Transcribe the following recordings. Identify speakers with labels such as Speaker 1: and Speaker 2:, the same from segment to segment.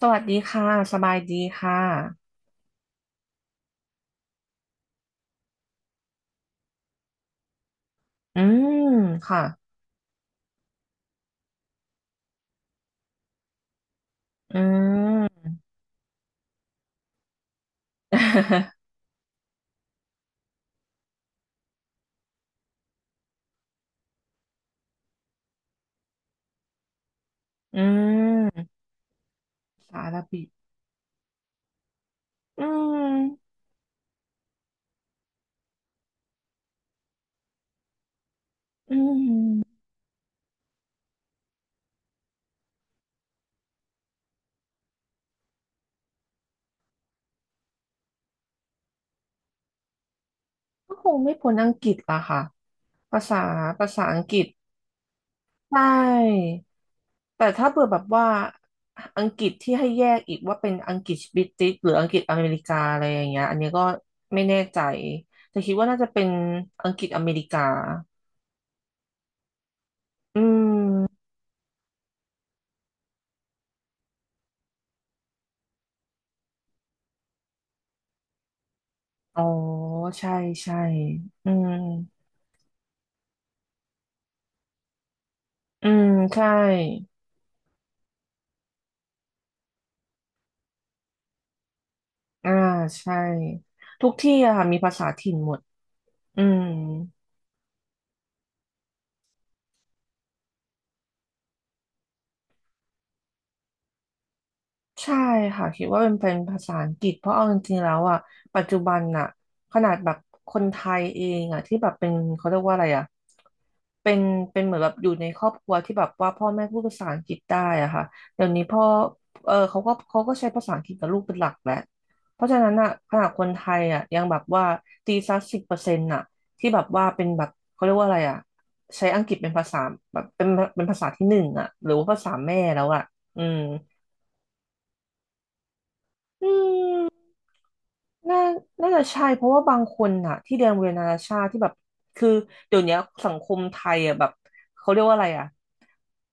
Speaker 1: สวัสดีค่ะสบายดีค่ะอืมค่ะอืม อืมภาษาอาหรับิกอืมอืมก็คงไม่พ้นอังกฤษละค่ะภาษาภาษาอังกฤษใช่แต่ถ้าเผื่อแบบว่าอังกฤษที่ให้แยกอีกว่าเป็นอังกฤษบริติชหรืออังกฤษอเมริกาอะไรอย่างเงี้ยอันนี้ก็ไม่แน่ใจแต่คิดว่าน่าจะเป็นอังกฤษอเมริกาอืมอ๋อใช่ ใช่อืม อืมใช่ อ่าใช่ทุกที่อะค่ะมีภาษาถิ่นหมดอืม ใช่ค่ะคิดว่าเป็นภาษาอังกฤษเพราะเอาจริงๆแล้วอ่ะปัจจุบันอ่ะขนาดแบบคนไทยเองอ่ะที่แบบเป็นเขาเรียกว่าอะไรอ่ะเป็นเหมือนแบบอยู่ในครอบครัวที่แบบว่าพ่อแม่พูดภาษาอังกฤษได้อ่ะค่ะเดี๋ยวนี้พ่อเขาก็ใช้ภาษาอังกฤษกับลูกเป็นหลักแหละเพราะฉะนั้นอ่ะขนาดคนไทยอ่ะยังแบบว่าตีสัก10%อ่ะที่แบบว่าเป็นแบบเขาเรียกว่าอะไรอ่ะใช้อังกฤษเป็นภาษาแบบเป็นเป็นภาษาที่หนึ่งอ่ะหรือว่าภาษาแม่แล้วอ่ะอืม น่าน่าจะใช่เพราะว่าบางคนน่ะที่เรียนโรงเรียนนานาชาติที่แบบ คือเดี๋ยวเนี้ยสังคมไทยอ่ะแบบเขาเรียกว่าอะไรอ่ะ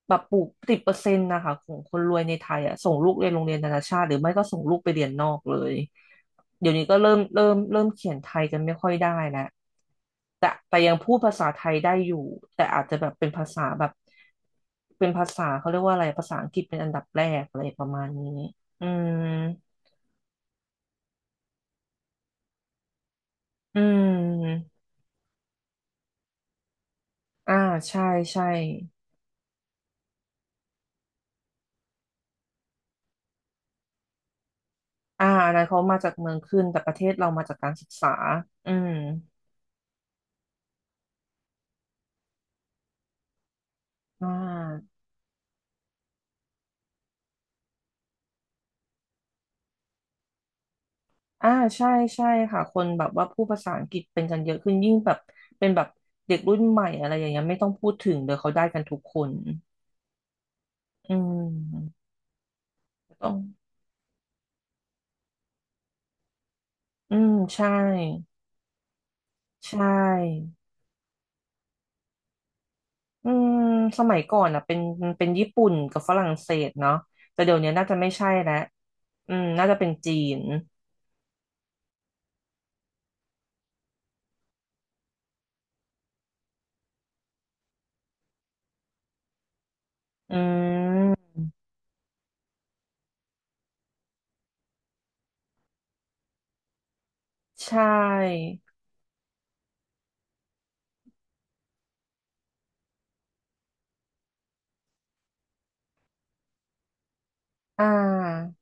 Speaker 1: แบบปลูกติดเปอร์เซ็นต์นะคะของคนรวยในไทยอ่ะส่งลูกเรียนโรงเรียนนานาชาติหรือไม่ก็ส่งลูกไปเรียนนอกเลยเดี๋ยวนี้ก็เริ่มเขียนไทยกันไม่ค่อยได้แล้วแต่ยังพูดภาษาไทยได้อยู่แต่อาจจะแบบเป็นภาษาแบบเป็นภาษาเขาเรียกว่าอะไรภาษาอังกฤษเป็นอันดับแรกอะไรประมาณนี้อืมอืม อ่าใช่ใช่อ่าอันนั้นเขามาจากเมืองขึ้นแต่ประเทศเรามาจากการศึกษาอืมอ่าอ่าใช่ใช่ค่ะคนแบบว่าพูดภาษาอังกฤษเป็นกันเยอะขึ้นยิ่งแบบเป็นแบบเด็กรุ่นใหม่อะไรอย่างเงี้ยไม่ต้องพูดถึงเดี๋ยวเขาได้กันทุกคนอืมต้องอืมใช่ใช่อืมสมัยก่อนอ่ะเป็นญี่ปุ่นกับฝรั่งเศสเนาะแต่เดี๋ยวนี้น่าจะไม่ใช่แล้วอืมน่าจะเป็นจีนอืมใช่ อ่า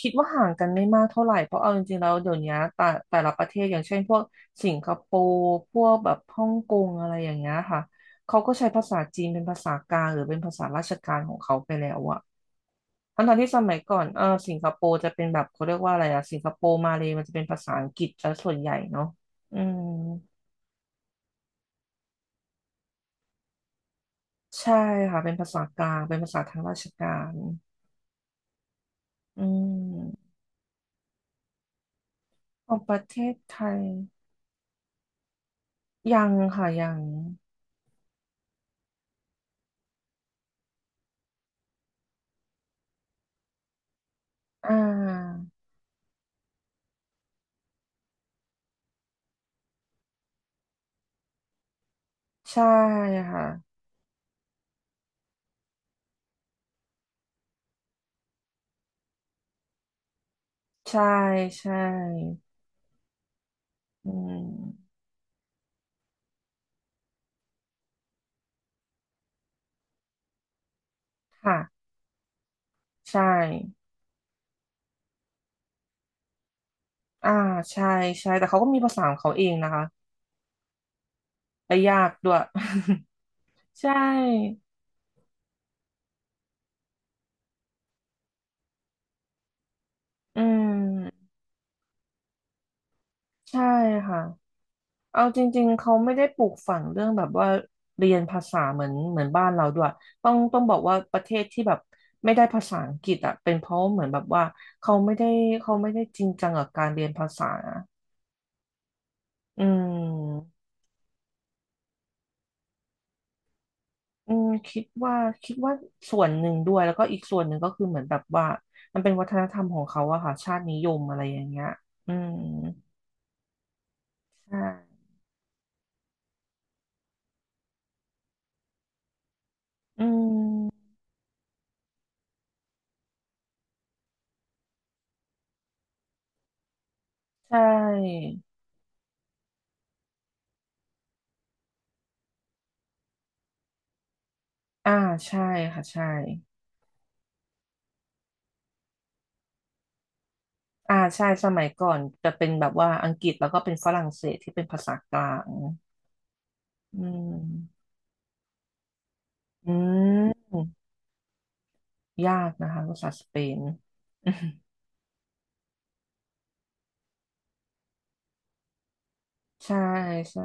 Speaker 1: คิดว่าห่างกันไม่มากเท่าไหร่เพราะเอาจริงๆแล้วเดี๋ยวนี้แต่แต่ละประเทศอย่างเช่นพวกสิงคโปร์พวกแบบฮ่องกงอะไรอย่างเงี้ยค่ะเขาก็ใช้ภาษาจีนเป็นภาษากลางหรือเป็นภาษาราชการของเขาไปแล้วอะทั้งๆที่สมัยก่อนสิงคโปร์จะเป็นแบบเขาเรียกว่าอะไรอะสิงคโปร์มาเลมันจะเป็นภาษาอังกฤษซะส่วนใหญ่เนาะอืมใช่ค่ะเป็นภาษากลางเป็นภาษาทางราชการอืมของประเทศไทยยังค่ะยังอ่า ใช่ค่ะใช่ใช่อืมค่ะใช่อ่าใช่ใช่แต่เขาก็มีภาษาของเขาเองนะคะและยากด้วย ใช่อืมใช่ค่ะเอาจริงๆเขาไม่ได้ปลูกฝังเรื่องแบบว่าเรียนภาษาเหมือนบ้านเราด้วยต้องบอกว่าประเทศที่แบบไม่ได้ภาษาอังกฤษอ่ะเป็นเพราะเหมือนแบบว่าเขาไม่ได้เขาไม่ได้จริงจังกับการเรียนภาษาอืม อืมคิดว่าส่วนหนึ่งด้วยแล้วก็อีกส่วนหนึ่งก็คือเหมือนแบบว่ามันเป็นวัฒนธรรมของเขาอะค่ะชาตินิยมอะไรอย่างเงี้ยอืมใช่อืมใช่อ่าใช่ค่ะใช่อ่าใช่สมัยก่อนจะเป็นแบบว่าอังกฤษแล้วก็เป็นฝรั่งเศสที่เป็นภาษากลางอืมอืมยากนะคะภาษาสเปน ใช่ใช่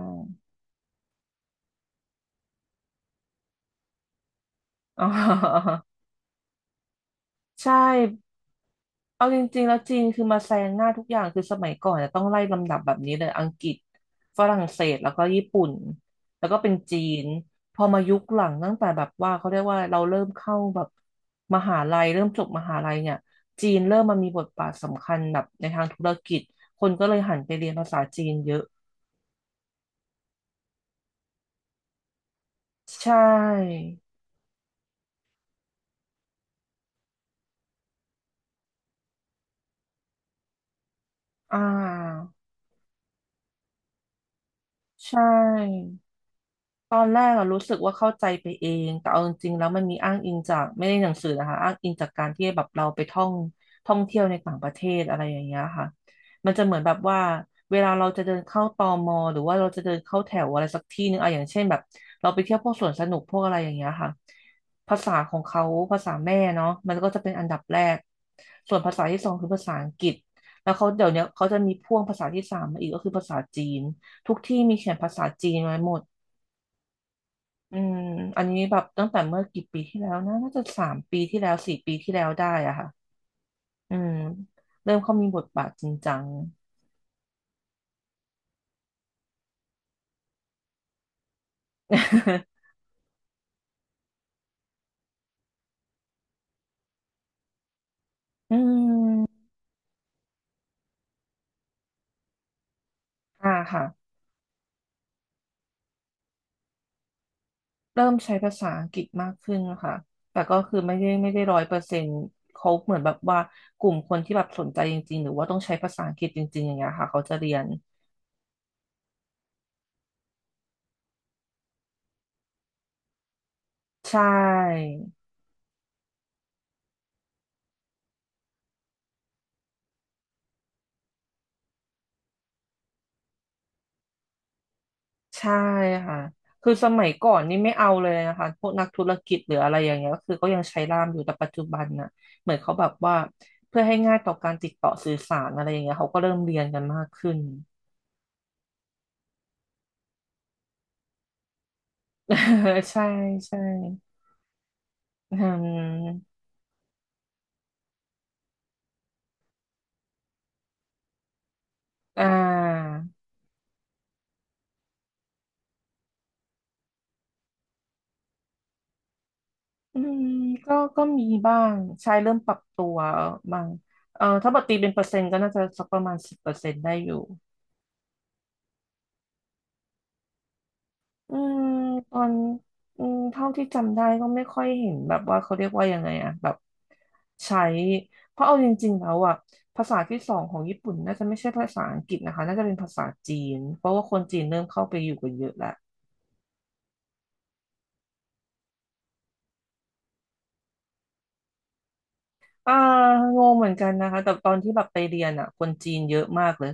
Speaker 1: อ๋อ ใช่ เอาจริงๆแล้วจีนคือมาแซงหน้าทุกอย่างคือสมัยก่อนเนี่ยต้องไล่ลำดับแบบนี้เลยอังกฤษฝรั่งเศสแล้วก็ญี่ปุ่นแล้วก็เป็นจีนพอมายุคหลังตั้งแต่แบบว่าเขาเรียกว่าเราเริ่มเข้าแบบมหาลัยเริ่มจบมหาลัยเนี่ยจีนเริ่มมามีบทบาทสำคัญแบบในทางธุรกิจคนก็เลยหันไปเรียนภาษาจีนเยอะใช่อ่าใช่ ตอนแรกอะรู้สึกว่าเข้าใจไปเองแต่เอาจริงๆแล้วมันมีอ้างอิงจากไม่ได้หนังสือนะคะอ้างอิงจากการที่แบบเราไปท่องเที่ยวในต่างประเทศอะไรอย่างเงี้ยค่ะมันจะเหมือนแบบว่าเวลาเราจะเดินเข้าตมหรือว่าเราจะเดินเข้าแถวอะไรสักที่หนึ่งอะอย่างเช่นแบบเราไปเที่ยวพวกสวนสนุกพวกอะไรอย่างเงี้ยค่ะภาษาของเขาภาษาแม่เนาะมันก็จะเป็นอันดับแรก ส่วนภาษาที่สองคือภาษาอังกฤษแล้วเขาเดี๋ยวเนี้ยเขาจะมีพ่วงภาษาที่สามมาอีกก็คือภาษาจีนทุกที่มีเขียนภาษาจีนไว้หมด อืมอันนี้แบบตั้งแต่เมื่อกี่ปีที่แล้วนะน่าจะ3 ปีที่แล้ว4 ปีที่แล้วได้อะค่ะอืมเริ่มเขามีบทบาทจริงจัง อืมอ่าค่ะเริ่มใช้ภาษาอังกฤษมากขึ้นค่ะแต่ก็คือไม่ได้100%เขาเหมือนแบบว่ากลุ่มคนที่แบบสนใจจริงๆหรือว่าต้องใช้ภาษาอังกฤษจริงๆอย่างเงี้ยค่ะเขาจะเรียนใช่ ใช่ค่ะคือสมัยก่อนนี่ไม่เอาเลยนะคะพวกนักธุรกิจหรืออะไรอย่างเงี้ยก็คือก็ยังใช้ล่ามอยู่แต่ปัจจุบันน่ะเหมือนเขาแบบว่าเพื่อให้ง่ายต่อการติดต่อสื่อสารอะไรอย่างเงี้ยเขาก็เริ่มเรียนกันมากขึ้น ใช่ใช่อืมอ่าอืมก็มีบ้างใช่เริ่มปรับตัวบ้างถ้าบัตรตีเป็นเปอร์เซ็นต์ก็น่าจะสักประมาณสิบเปอร์เซ็นต์ได้อยู่ อืมตอนเท่าที่จำได้ก็ไม่ค่อยเห็นแบบว่าเขาเรียกว่ายังไงอะแบบใช้เพราะเอาจริงๆแล้วอะภาษาที่สองของญี่ปุ่นน่าจะไม่ใช่ภาษาอังกฤษนะคะน่าจะเป็นภาษาจีนเพราะว่าคนจีนเริ่มเข้าไปอยู่กันเยอะแล้วอ่างงเหมือนกันนะคะแต่ตอนที่แบบไปเรียนอะคนจีนเยอะมากเลย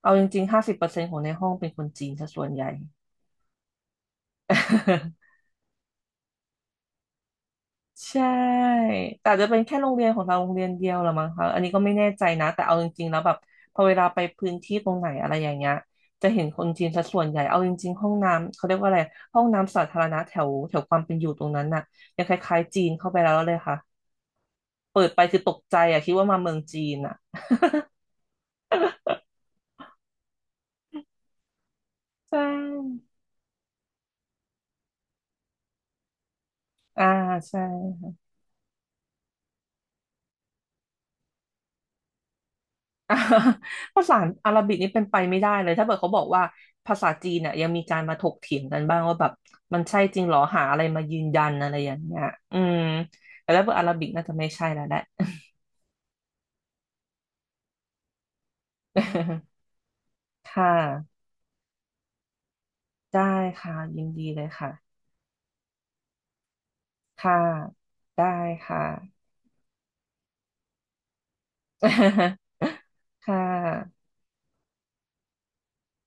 Speaker 1: เอาจริงๆ50%ของในห้องเป็นคนจีนซะส่วนใหญ่ ใช่แต่อาจจะเป็นแค่โรงเรียนของเราโรงเรียนเดียวหรือมั้งคะอันนี้ก็ไม่แน่ใจนะแต่เอาจริงๆแล้วแบบพอเวลาไปพื้นที่ตรงไหนอะไรอย่างเงี้ยจะเห็นคนจีนซะส่วนใหญ่เอาจริงๆห้องน้ำเขาเรียกว่าอะไรห้องน้ำสาธารณะแถวแถวความเป็นอยู่ตรงนั้นน่ะยังคล้ายๆจีนเข้าไปแล้วเลยค่ะเปิดไปคือตกใจอะคิดว่ามาเมืองจีนอะใช่อ่าใช่ อ่าภาษาอาหรับิกนี่เป็นไปไม่ได้เลยถ้าเกิดเขาบอกว่าภาษาจีนเนี่ยยังมีการมาถกเถียงกันบ้างว่าแบบมันใช่จริงเหรอหาอะไรมายืนยันอะไรอย่างเงี้ยอืมแต่ถ้าเกิดอาหรับิกน่าจะไม่ใช่แล้วแหละ ค่ะได้ค่ะยินดีเลยค่ะค่ะได้ค่ะ ค่ะ